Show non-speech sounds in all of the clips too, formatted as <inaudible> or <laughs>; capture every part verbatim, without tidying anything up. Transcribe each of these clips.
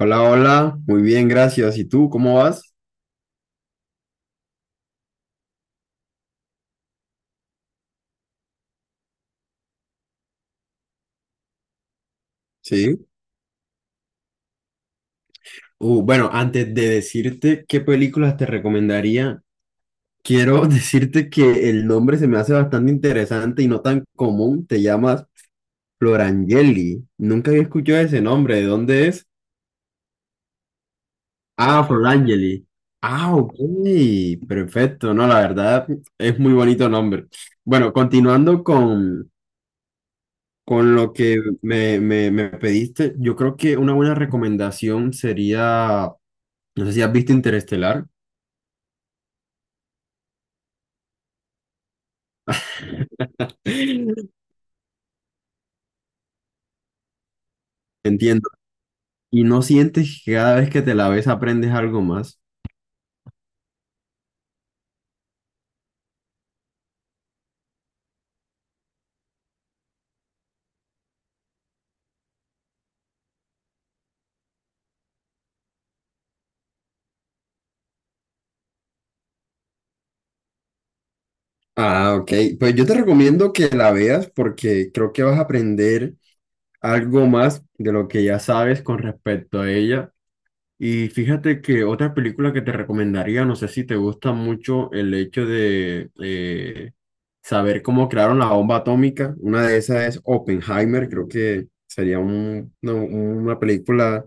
Hola, hola, muy bien, gracias. ¿Y tú, cómo vas? Sí. Uh, bueno, antes de decirte qué películas te recomendaría, quiero <laughs> decirte que el nombre se me hace bastante interesante y no tan común. Te llamas Florangeli. Nunca había escuchado ese nombre. ¿De dónde es? Ah, Florangeli. Ah, ok, perfecto. No, la verdad es muy bonito nombre. Bueno, continuando con, con lo que me, me, me pediste, yo creo que una buena recomendación sería. No sé si has visto Interestelar. <laughs> Entiendo. ¿Y no sientes que cada vez que te la ves aprendes algo más? Ah, ok. Pues yo te recomiendo que la veas porque creo que vas a aprender algo más de lo que ya sabes con respecto a ella. Y fíjate que otra película que te recomendaría, no sé si te gusta mucho el hecho de eh, saber cómo crearon la bomba atómica. Una de esas es Oppenheimer. Creo que sería un- no, una película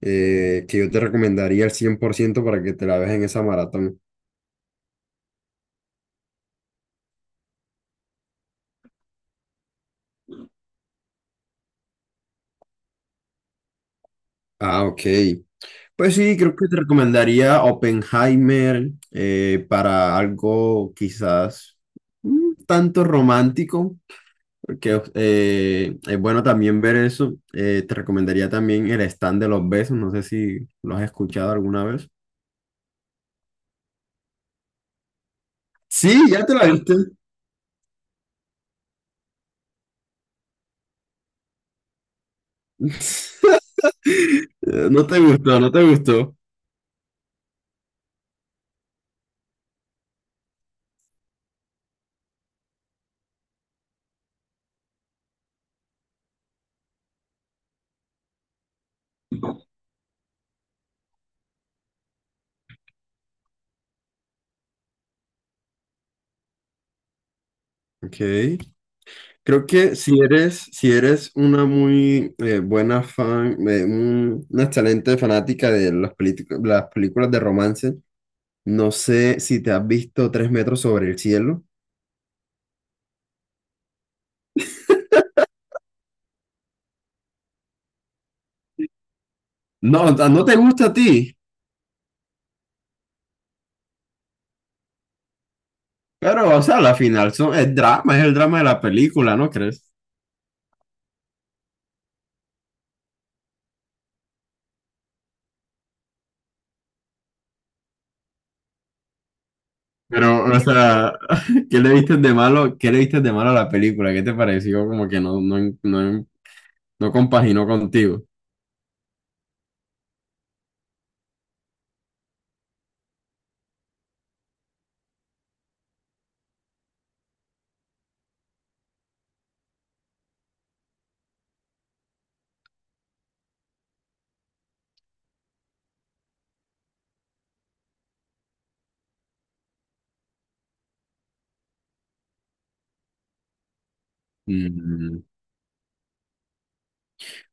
eh, que yo te recomendaría al cien por ciento para que te la veas en esa maratón. Ah, ok. Pues sí, creo que te recomendaría Oppenheimer, eh, para algo quizás un tanto romántico, porque eh, es bueno también ver eso. Eh, te recomendaría también el stand de los besos, no sé si lo has escuchado alguna vez. Sí, ya te la viste. <laughs> Eh, No te gustó, no te gustó. Ok. Creo que si eres, si eres una muy eh, buena fan, eh, un- una excelente fanática de las, pelícu- las películas de romance, no sé si te has visto Tres metros sobre el cielo. No, o sea, no te gusta a ti, pero, o sea, la final son, es drama, es el drama de la película, ¿no crees? Pero, o sea, <laughs> ¿qué le viste de malo, qué le viste de malo a la película? ¿Qué te pareció? Como que no, no, no, no compaginó contigo. Mm,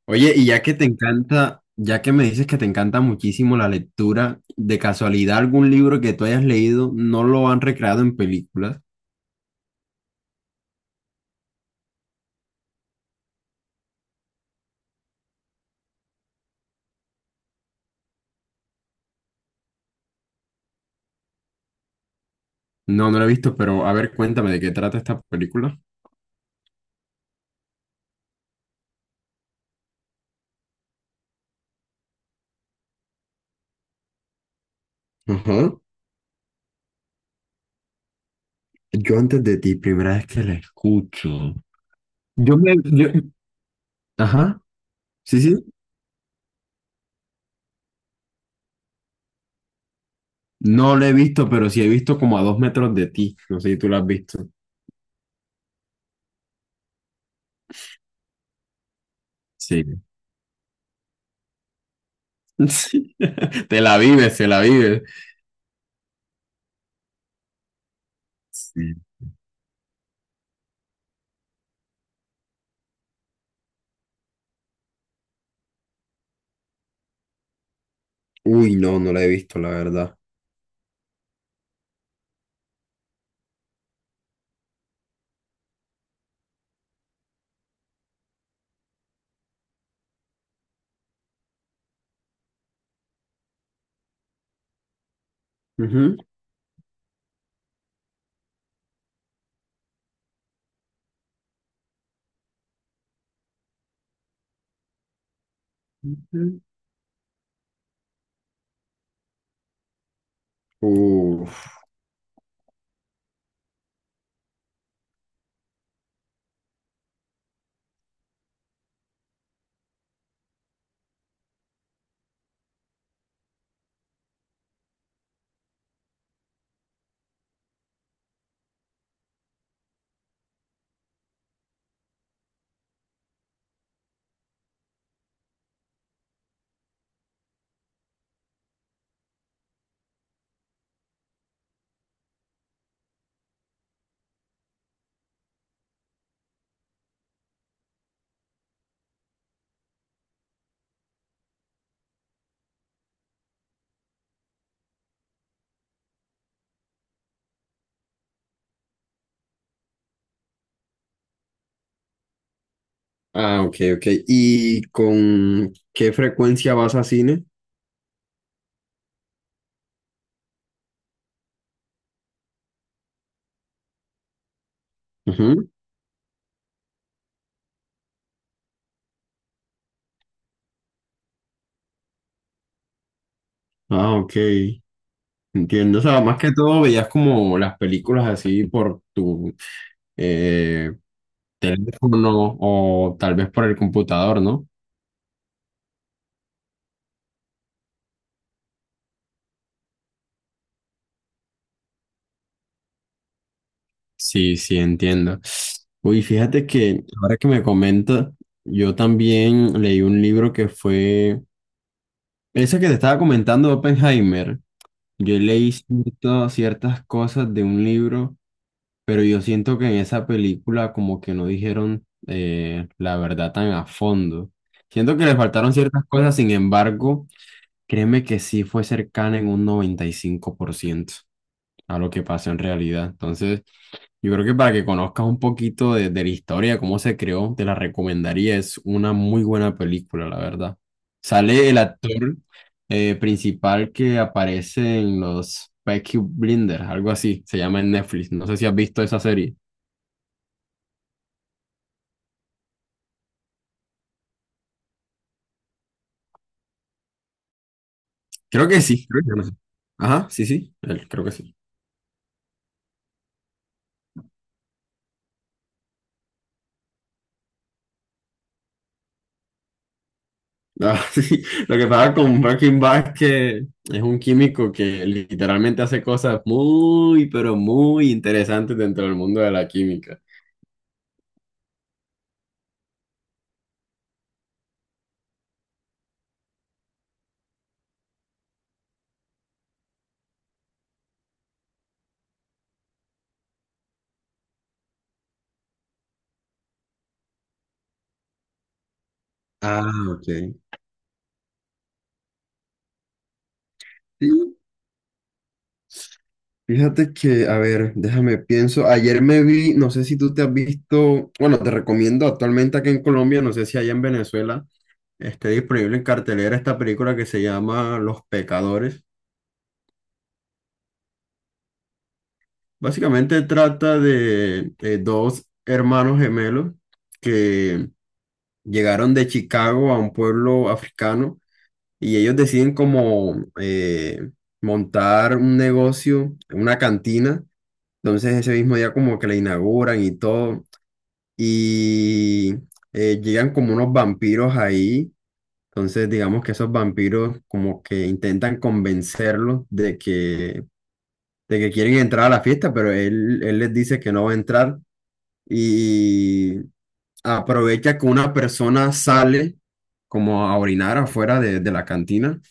oye, y ya que te encanta, ya que me dices que te encanta muchísimo la lectura, ¿de casualidad algún libro que tú hayas leído no lo han recreado en películas? No, no lo he visto, pero a ver, cuéntame de qué trata esta película. Ajá. Yo antes de ti, primera vez que la escucho. Yo me... yo- ajá. Sí, sí. No lo he visto, pero sí he visto como a dos metros de ti. No sé si tú la has visto. Sí. <laughs> Sí. Te la vives, te la vives. Sí. Uy, no, no la he visto, la verdad. Ujú. Uf. Ah, ok, ok. ¿Y con qué frecuencia vas a cine? Ujú. Ah, ok. Entiendo. O sea, más que todo veías como las películas así por tu eh, teléfono o tal vez por el computador, ¿no? Sí, sí, entiendo. Uy, fíjate que ahora que me comenta, yo también leí un libro que fue, ese que te estaba comentando, Oppenheimer. Yo leí cierto- ciertas cosas de un libro. Pero yo siento que en esa película como que no dijeron, eh, la verdad tan a fondo. Siento que le faltaron ciertas cosas, sin embargo, créeme que sí fue cercana en un noventa y cinco por ciento a lo que pasó en realidad. Entonces, yo creo que para que conozcas un poquito de, de la historia, cómo se creó, te la recomendaría. Es una muy buena película, la verdad. Sale el actor eh, principal que aparece en los Peaky Blinders, algo así, se llama en Netflix. No sé si has visto esa serie. Creo que sí, creo que no sé. Ajá, sí, sí, él, creo que sí. Ah, <laughs> sí. Lo que pasa con Breaking Bad es que es un químico que literalmente hace cosas muy, pero muy interesantes dentro del mundo de la química. Ah, ok. Sí, fíjate que, a ver, déjame pienso. Ayer me vi, no sé si tú te has visto, bueno, te recomiendo actualmente aquí en Colombia, no sé si allá en Venezuela esté disponible en cartelera esta película que se llama Los Pecadores. Básicamente trata de, eh, dos hermanos gemelos que llegaron de Chicago a un pueblo africano y ellos deciden como eh, montar un negocio, una cantina. Entonces ese mismo día como que la inauguran y todo y eh, llegan como unos vampiros ahí. Entonces digamos que esos vampiros como que intentan convencerlos de que, de que quieren entrar a la fiesta, pero él, él les dice que no va a entrar. Y aprovecha que una persona sale como a orinar afuera de, de la cantina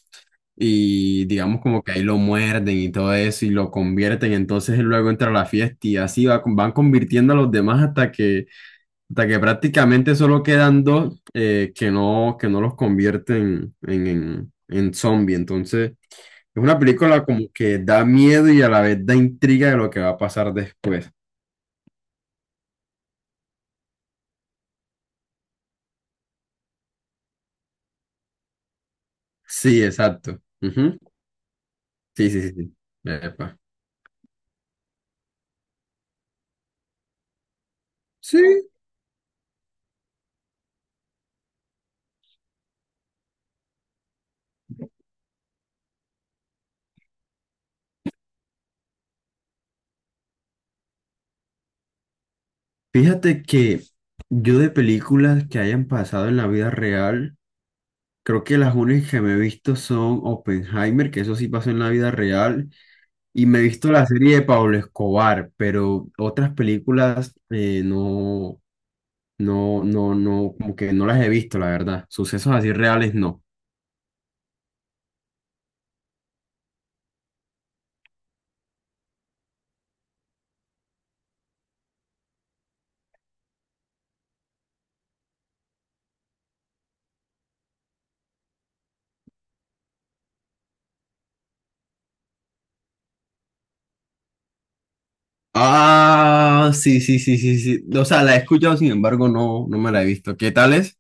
y digamos como que ahí lo muerden y todo eso y lo convierten, entonces él luego entra a la fiesta y así va, van convirtiendo a los demás hasta que, hasta que prácticamente solo quedan dos eh, que no, que no los convierten en, en, en zombie, entonces... Es una película como que da miedo y a la vez da intriga de lo que va a pasar después. Sí, exacto. Ujú. Sí, sí, sí. Sí, epa. Sí, fíjate que yo de películas que hayan pasado en la vida real, creo que las únicas que me he visto son Oppenheimer, que eso sí pasó en la vida real, y me he visto la serie de Pablo Escobar, pero otras películas eh, no, no, no, no, como que no las he visto, la verdad. Sucesos así reales, no. Ah, sí, sí, sí, sí, sí. O sea, la he escuchado, sin embargo, no, no me la he visto. ¿Qué tal es?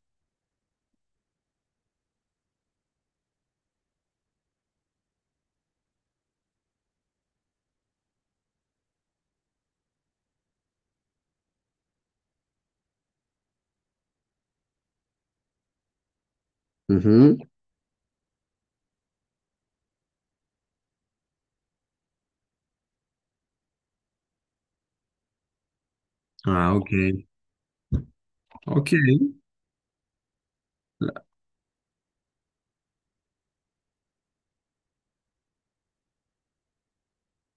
Ujú. Ah, ok. Ok.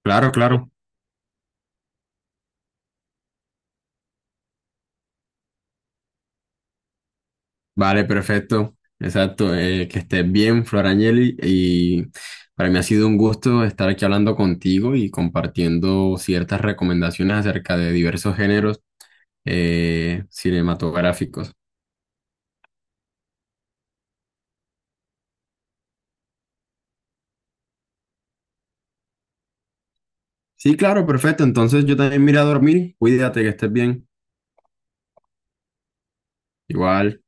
Claro, claro. Vale, perfecto. Exacto. Eh, que estés bien, Flor Angeli. Y para mí ha sido un gusto estar aquí hablando contigo y compartiendo ciertas recomendaciones acerca de diversos géneros eh, cinematográficos. Sí, claro, perfecto. Entonces yo también me iré a dormir. Cuídate, que estés bien. Igual.